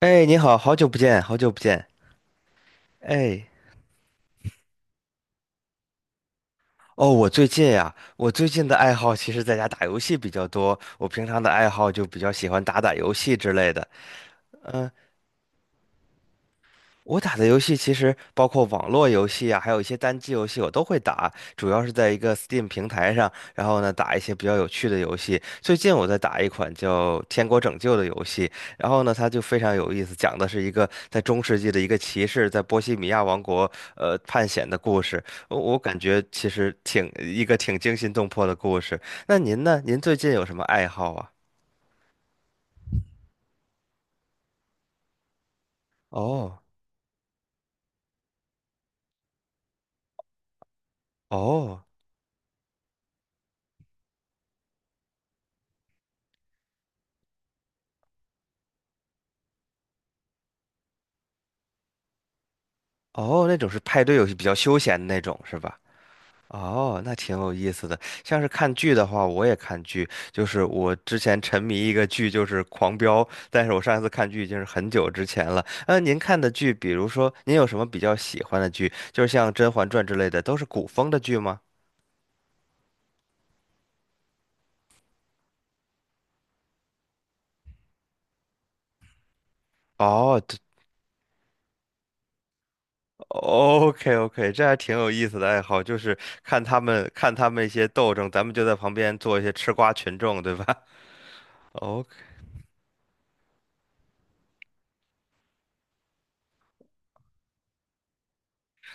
哎，你好，好久不见，好久不见。哎，哦，我最近的爱好其实在家打游戏比较多。我平常的爱好就比较喜欢打打游戏之类的。我打的游戏其实包括网络游戏啊，还有一些单机游戏，我都会打，主要是在一个 Steam 平台上，然后呢打一些比较有趣的游戏。最近我在打一款叫《天国拯救》的游戏，然后呢它就非常有意思，讲的是一个在中世纪的一个骑士在波西米亚王国探险的故事。我感觉其实挺一个挺惊心动魄的故事。那您呢？您最近有什么爱好啊？哦哦哦，那种是派对游戏，比较休闲的那种是吧？哦，那挺有意思的。像是看剧的话，我也看剧，就是我之前沉迷一个剧，就是《狂飙》，但是我上一次看剧已经是很久之前了。您看的剧，比如说您有什么比较喜欢的剧，就是像《甄嬛传》之类的，都是古风的剧吗？哦，对，OK OK，这还挺有意思的爱好，就是看他们一些斗争，咱们就在旁边做一些吃瓜群众，对吧？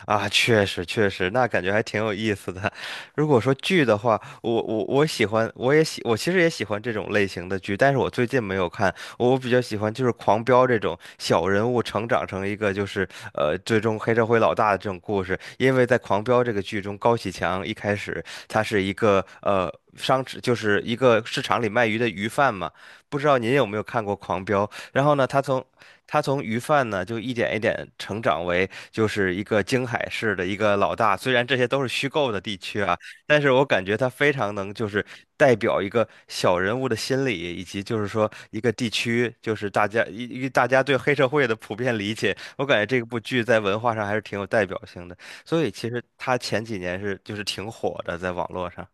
啊，确实确实，那感觉还挺有意思的。如果说剧的话，我喜欢，我其实也喜欢这种类型的剧，但是我最近没有看。我比较喜欢就是《狂飙》这种小人物成长成一个就是最终黑社会老大的这种故事，因为在《狂飙》这个剧中，高启强一开始他是一个就是一个市场里卖鱼的鱼贩嘛，不知道您有没有看过《狂飙》？然后呢，他从鱼贩呢，就一点一点成长为就是一个京海市的一个老大。虽然这些都是虚构的地区啊，但是我感觉他非常能就是代表一个小人物的心理，以及就是说一个地区，就是大家对黑社会的普遍理解。我感觉这部剧在文化上还是挺有代表性的，所以其实他前几年是就是挺火的，在网络上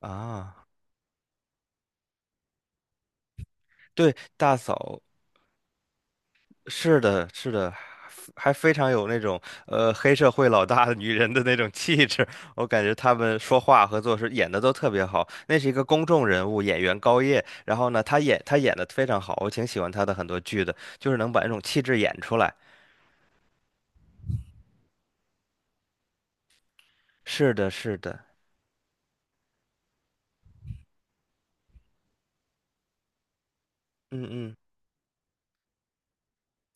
啊。对，大嫂，是的，是的，还非常有那种黑社会老大的女人的那种气质。我感觉他们说话和做事演的都特别好。那是一个公众人物，演员高叶，然后呢，他演的非常好，我挺喜欢他的很多剧的，就是能把那种气质演出来。是的，是的，嗯嗯。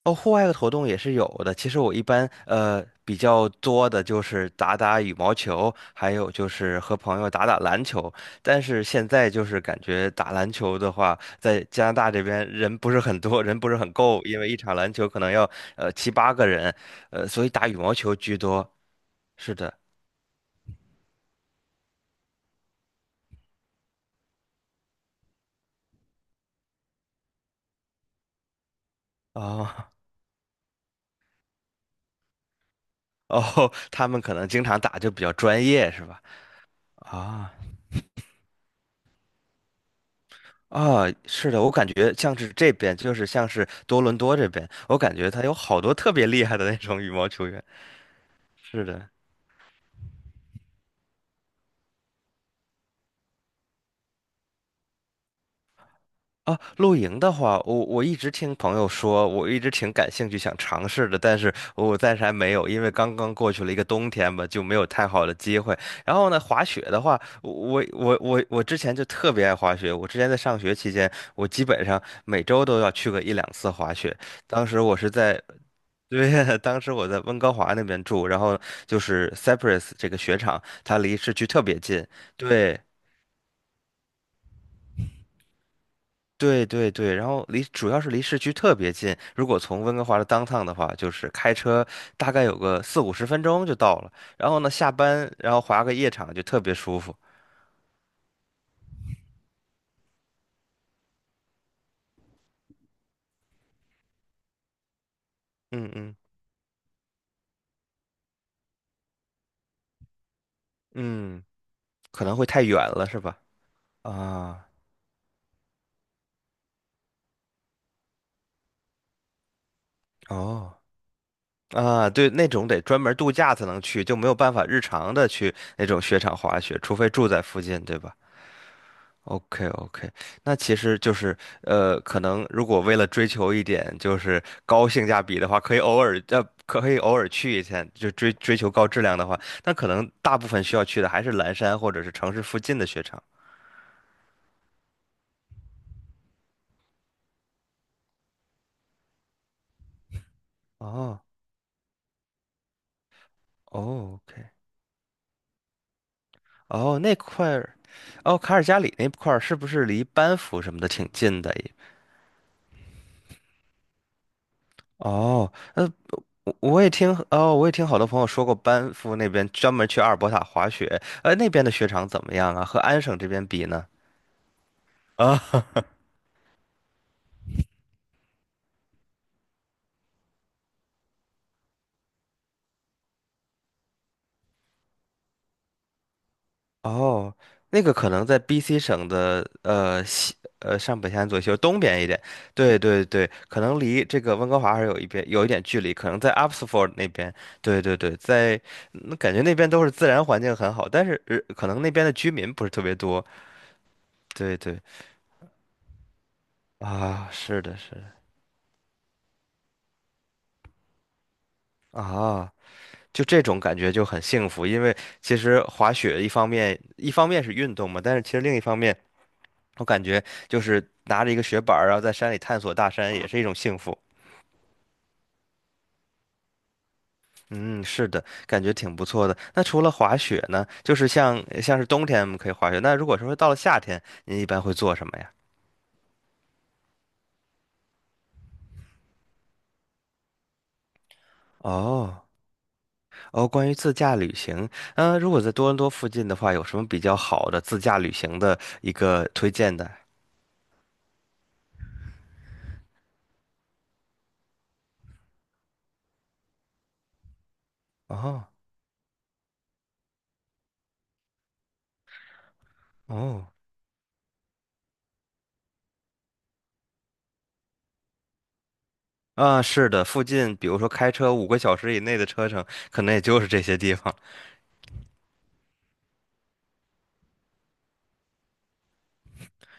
哦，户外的活动也是有的。其实我一般比较多的就是打打羽毛球，还有就是和朋友打打篮球。但是现在就是感觉打篮球的话，在加拿大这边人不是很多，人不是很够，因为一场篮球可能要7、8个人，所以打羽毛球居多。是的，哦 哦，他们可能经常打就比较专业，是吧？啊、是的，我感觉像是这边，就是像是多伦多这边，我感觉他有好多特别厉害的那种羽毛球员。是的，啊，露营的话，我一直听朋友说，我一直挺感兴趣想尝试的，但是我暂时还没有，因为刚刚过去了一个冬天吧，就没有太好的机会。然后呢，滑雪的话，我之前就特别爱滑雪，我之前在上学期间，我基本上每周都要去个1、2次滑雪。当时我是在对，当时我在温哥华那边住，然后就是 Cypress 这个雪场，它离市区特别近。对，对对对，然后主要是离市区特别近，如果从温哥华的 downtown 的话，就是开车大概有个40-50分钟就到了。然后呢，下班然后滑个夜场就特别舒服。嗯嗯嗯，可能会太远了是吧？啊哦啊，对，那种得专门度假才能去，就没有办法日常的去那种雪场滑雪，除非住在附近，对吧？OK OK，那其实就是可能如果为了追求一点就是高性价比的话，可以偶尔去一下，就追求高质量的话，那可能大部分需要去的还是蓝山或者是城市附近的雪场。哦哦，OK，哦那块儿，哦卡尔加里那块儿是不是离班夫什么的挺近的。哦，我也听好多朋友说过，班夫那边专门去阿尔伯塔滑雪，那边的雪场怎么样啊？和安省这边比呢？啊。哦，那个可能在 BC 省的呃西呃上北山左右东边一点，对对对，可能离这个温哥华还是有一点距离，可能在 Abbotsford 那边，对对对，在那感觉那边都是自然环境很好，但是可能那边的居民不是特别多，对对啊，是的是的啊。就这种感觉就很幸福，因为其实滑雪一方面是运动嘛，但是其实另一方面，我感觉就是拿着一个雪板儿然后在山里探索大山，也是一种幸福。嗯，是的，感觉挺不错的。那除了滑雪呢，就是像是冬天我们可以滑雪，那如果说到了夏天，您一般会做什么呀？哦哦，关于自驾旅行，如果在多伦多附近的话，有什么比较好的自驾旅行的一个推荐的？哦哦。啊，是的，附近比如说开车五个小时以内的车程，可能也就是这些地方。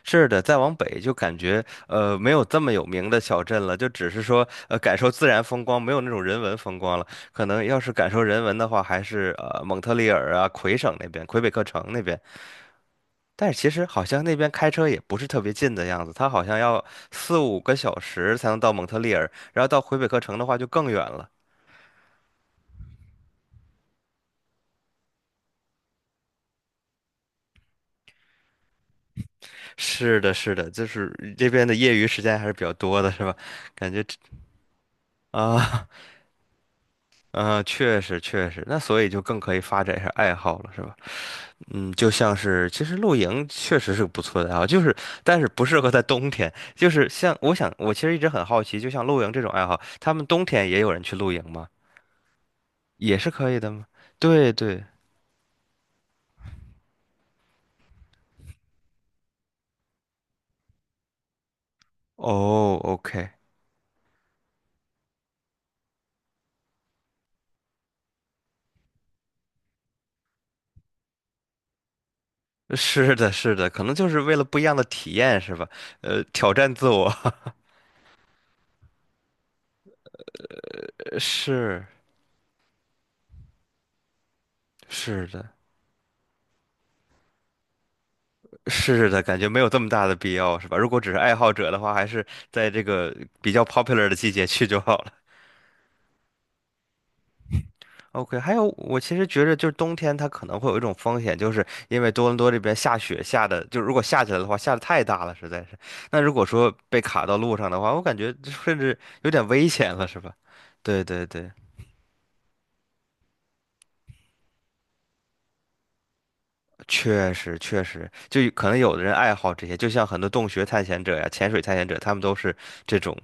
是的，再往北就感觉没有这么有名的小镇了，就只是说感受自然风光，没有那种人文风光了。可能要是感受人文的话，还是蒙特利尔啊、魁省那边、魁北克城那边。但是其实好像那边开车也不是特别近的样子，它好像要4、5个小时才能到蒙特利尔，然后到魁北克城的话就更远了。是的，是的，就是这边的业余时间还是比较多的，是吧？感觉这啊，嗯、确实确实，那所以就更可以发展一下爱好了，是吧？嗯，就像是其实露营确实是个不错的爱好，就是但是不适合在冬天，就是像我想我其实一直很好奇，就像露营这种爱好，他们冬天也有人去露营吗？也是可以的吗？对对，哦，OK。是的，是的，可能就是为了不一样的体验，是吧？挑战自我，是是的。是的，感觉没有这么大的必要，是吧？如果只是爱好者的话，还是在这个比较 popular 的季节去就好了。OK，还有我其实觉着就是冬天它可能会有一种风险，就是因为多伦多这边下雪下的，就如果下起来的话，下的太大了，实在是。那如果说被卡到路上的话，我感觉这甚至有点危险了，是吧？对对对，确实确实，就可能有的人爱好这些，就像很多洞穴探险者呀、潜水探险者，他们都是这种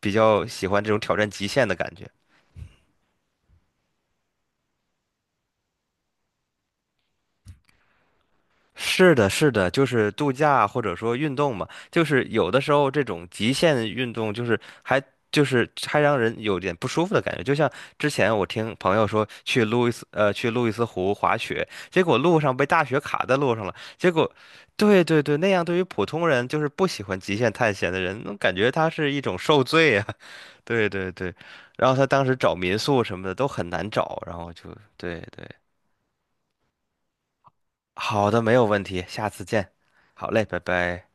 比较喜欢这种挑战极限的感觉。是的，是的，就是度假或者说运动嘛，就是有的时候这种极限运动，就是还让人有点不舒服的感觉。就像之前我听朋友说去路易斯湖滑雪，结果路上被大雪卡在路上了，结果对对对，那样对于普通人就是不喜欢极限探险的人，那感觉他是一种受罪啊。对对对，然后他当时找民宿什么的都很难找，然后就对对，好的，没有问题，下次见。好嘞，拜拜。